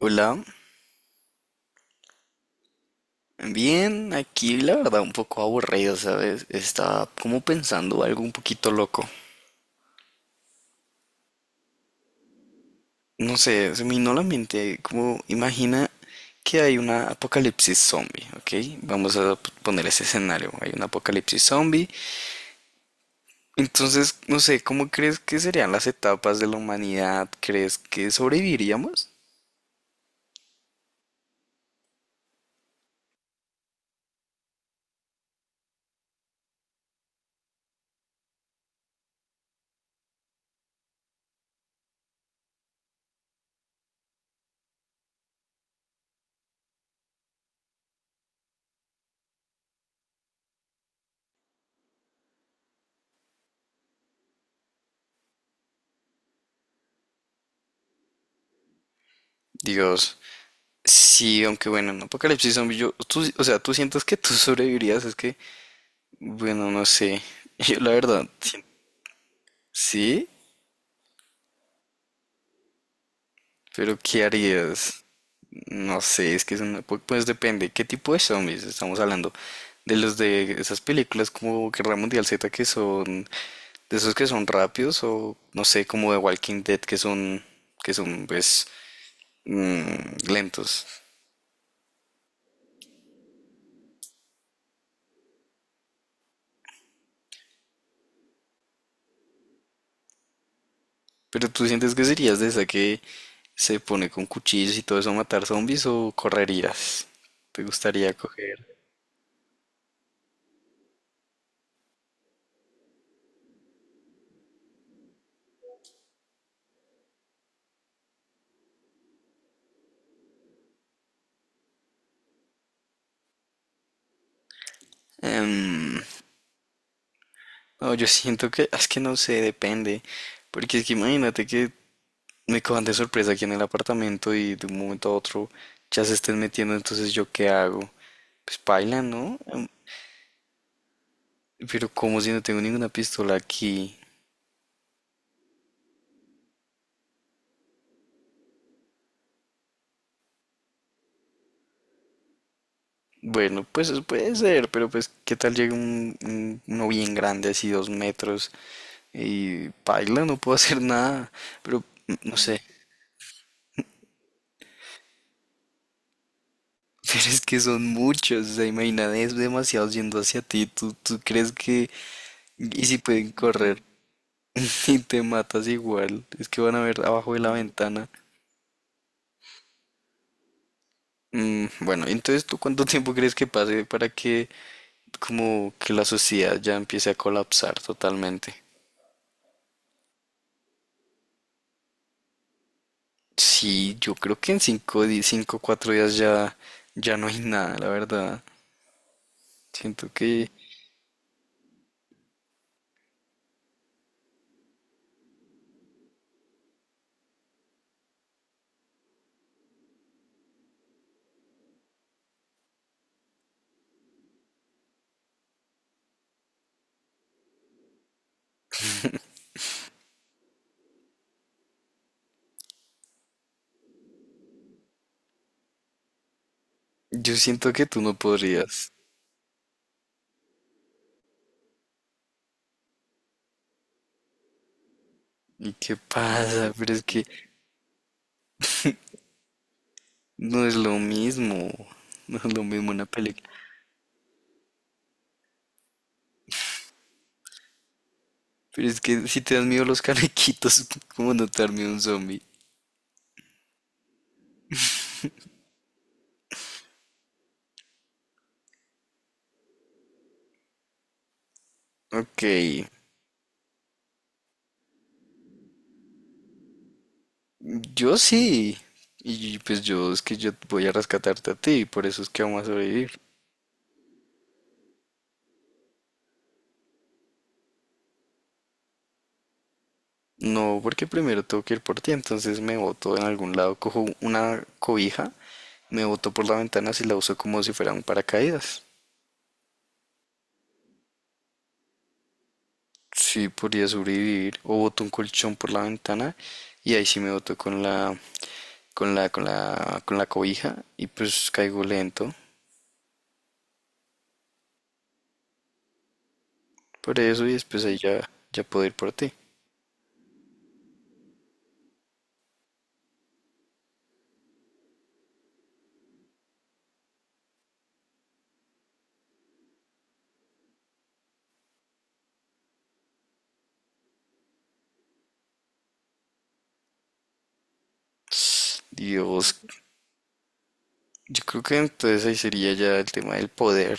Hola, bien, aquí la verdad un poco aburrido, ¿sabes? Estaba como pensando algo un poquito loco. No sé, se me vino a la mente, como imagina que hay una apocalipsis zombie, ¿ok? Vamos a poner ese escenario, hay un apocalipsis zombie. Entonces, no sé, ¿cómo crees que serían las etapas de la humanidad? ¿Crees que sobreviviríamos? Dios, sí, aunque bueno, en apocalipsis zombie, yo, tú, o sea, tú sientas que tú sobrevivirías, es que, bueno, no sé. Yo la verdad. ¿Sí? ¿Pero qué harías? No sé, es que es una. Pues depende. ¿Qué tipo de zombies estamos hablando? De los de esas películas como Guerra Mundial Z que son, de esos que son rápidos, o no sé, como de Walking Dead que son, que son pues lentos. ¿Pero tú sientes que serías de esa que se pone con cuchillos y todo eso a matar zombies o correrías? ¿Te gustaría coger? Em, No, yo siento que es que no sé, depende. Porque es que imagínate que me cojan de sorpresa aquí en el apartamento y de un momento a otro ya se estén metiendo, entonces yo qué hago. Pues paila, ¿no? Pero como si no tengo ninguna pistola aquí. Bueno, pues eso puede ser, pero pues qué tal llega uno bien grande, así 2 metros, y paila, no puedo hacer nada. Pero no sé. Pero es que son muchos, o sea, imagínate, es demasiado yendo hacia ti. ¿Tú crees que? Y si pueden correr y te matas igual, es que van a ver abajo de la ventana. Bueno, entonces ¿tú cuánto tiempo crees que pase para que como que la sociedad ya empiece a colapsar totalmente? Sí, yo creo que en cinco, 4 días ya, ya no hay nada, la verdad. Siento que, yo siento que tú no podrías. ¿Y qué pasa? Pero es que no es lo mismo, no es lo mismo una película. Pero es que si te dan miedo los canequitos, ¿cómo no te da miedo un zombie? Ok, yo sí. Y pues yo es que yo voy a rescatarte a ti, por eso es que vamos a sobrevivir. No, porque primero tengo que ir por ti, entonces me boto en algún lado, cojo una cobija, me boto por la ventana y la uso como si fuera un paracaídas. Sí, podría sobrevivir. O boto un colchón por la ventana y ahí sí me boto con la cobija y pues caigo lento. Por eso y después ahí ya, ya puedo ir por ti. Dios, yo creo que entonces ahí sería ya el tema del poder.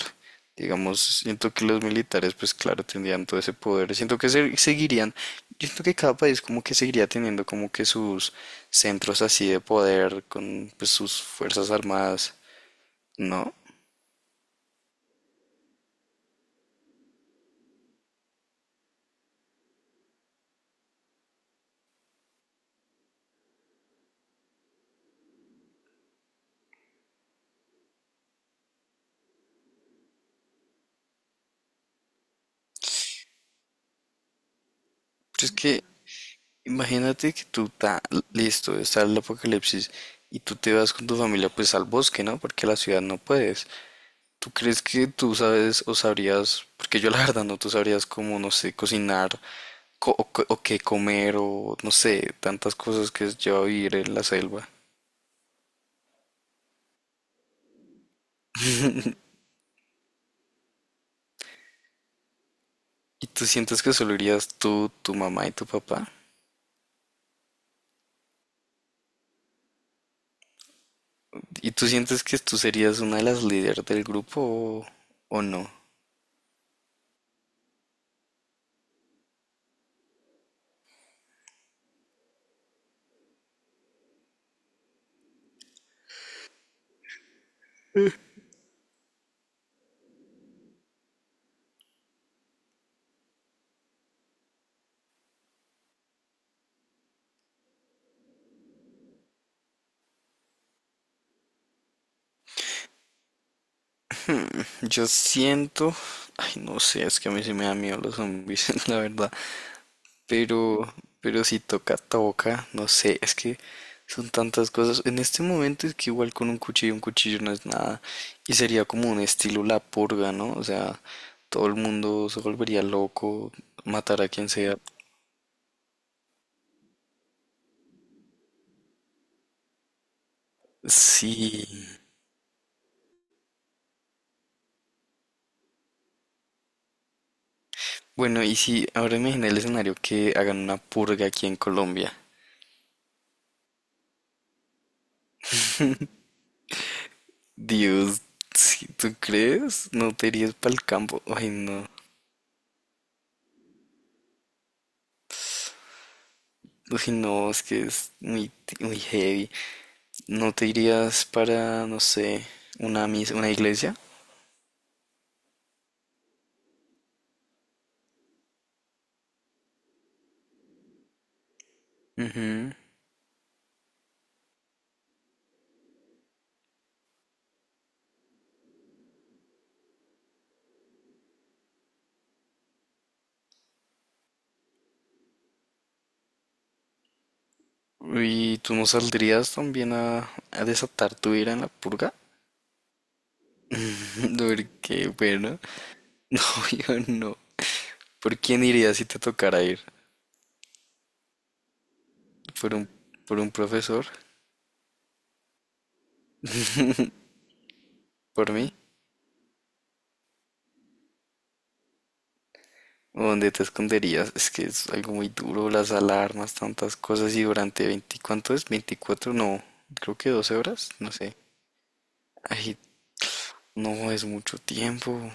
Digamos, siento que los militares, pues claro, tendrían todo ese poder. Siento que seguirían, yo siento que cada país como que seguiría teniendo como que sus centros así de poder con pues sus fuerzas armadas, ¿no? Pero es que imagínate que tú estás listo, está el apocalipsis y tú te vas con tu familia pues al bosque, ¿no? Porque a la ciudad no puedes. ¿Tú crees que tú sabes o sabrías, porque yo la verdad no, tú sabrías cómo, no sé, cocinar, o qué comer o no sé, tantas cosas que es lleva a vivir en la selva? Y tú sientes que solo irías tú, tu mamá y tu papá. Y tú sientes que tú serías una de las líderes del grupo, o no. Yo siento, ay, no sé, es que a mí sí me da miedo los zombies, la verdad. Pero, pero si toca toca, no sé, es que son tantas cosas. En este momento es que igual con un cuchillo no es nada. Y sería como un estilo la purga, ¿no? O sea, todo el mundo se volvería loco, matar a quien sea. Sí. Bueno, y si ahora imagina el escenario que hagan una purga aquí en Colombia. Dios, si tú crees, no te irías para el campo. Ay, no. Ay, no, es que es muy, muy heavy. ¿No te irías para, no sé, una iglesia? Ujú. ¿Y tú no saldrías también a desatar tu ira en la purga? Porque, bueno, no, yo no. ¿Por quién irías si te tocara ir? ¿Por un profesor? ¿Por mí? ¿O dónde te esconderías? Es que es algo muy duro, las alarmas, tantas cosas y durante 20, ¿cuánto es? 24 no, creo que 12 horas, no sé. Ay, no, es mucho tiempo.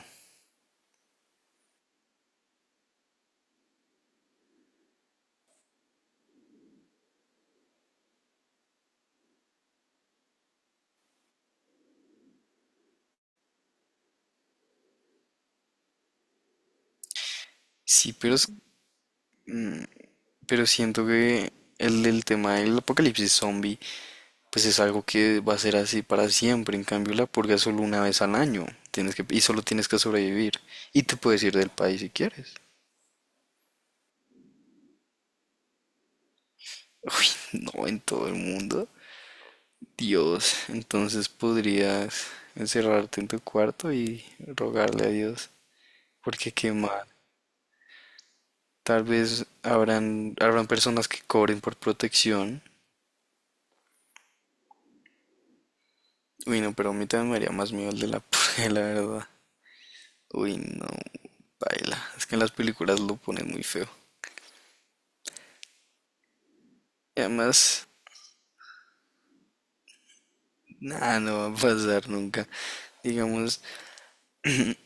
Sí. Mm, Pero siento que el tema del apocalipsis zombie, pues es algo que va a ser así para siempre. En cambio, la purga es solo una vez al año. Y solo tienes que sobrevivir. Y te puedes ir del país si quieres. Uy, no, en todo el mundo. Dios, entonces podrías encerrarte en tu cuarto y rogarle a Dios. Porque qué mal. Tal vez habrán personas que cobren por protección. Uy, no, pero a mí también me haría más miedo el de la purga, la verdad. Uy, no, baila. Es que en las películas lo ponen muy feo. Y además, nada, no va a pasar nunca. Digamos,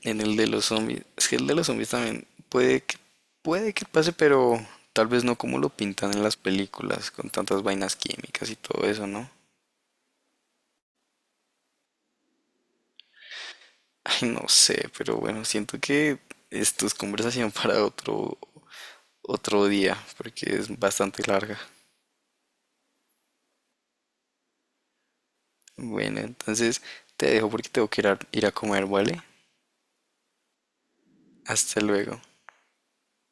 en el de los zombies. Es que el de los zombies también puede que pase, pero tal vez no como lo pintan en las películas, con tantas vainas químicas y todo eso, ¿no? Ay, no sé, pero bueno, siento que esto es conversación para otro día, porque es bastante larga. Bueno, entonces te dejo porque tengo que ir a comer, ¿vale? Hasta luego.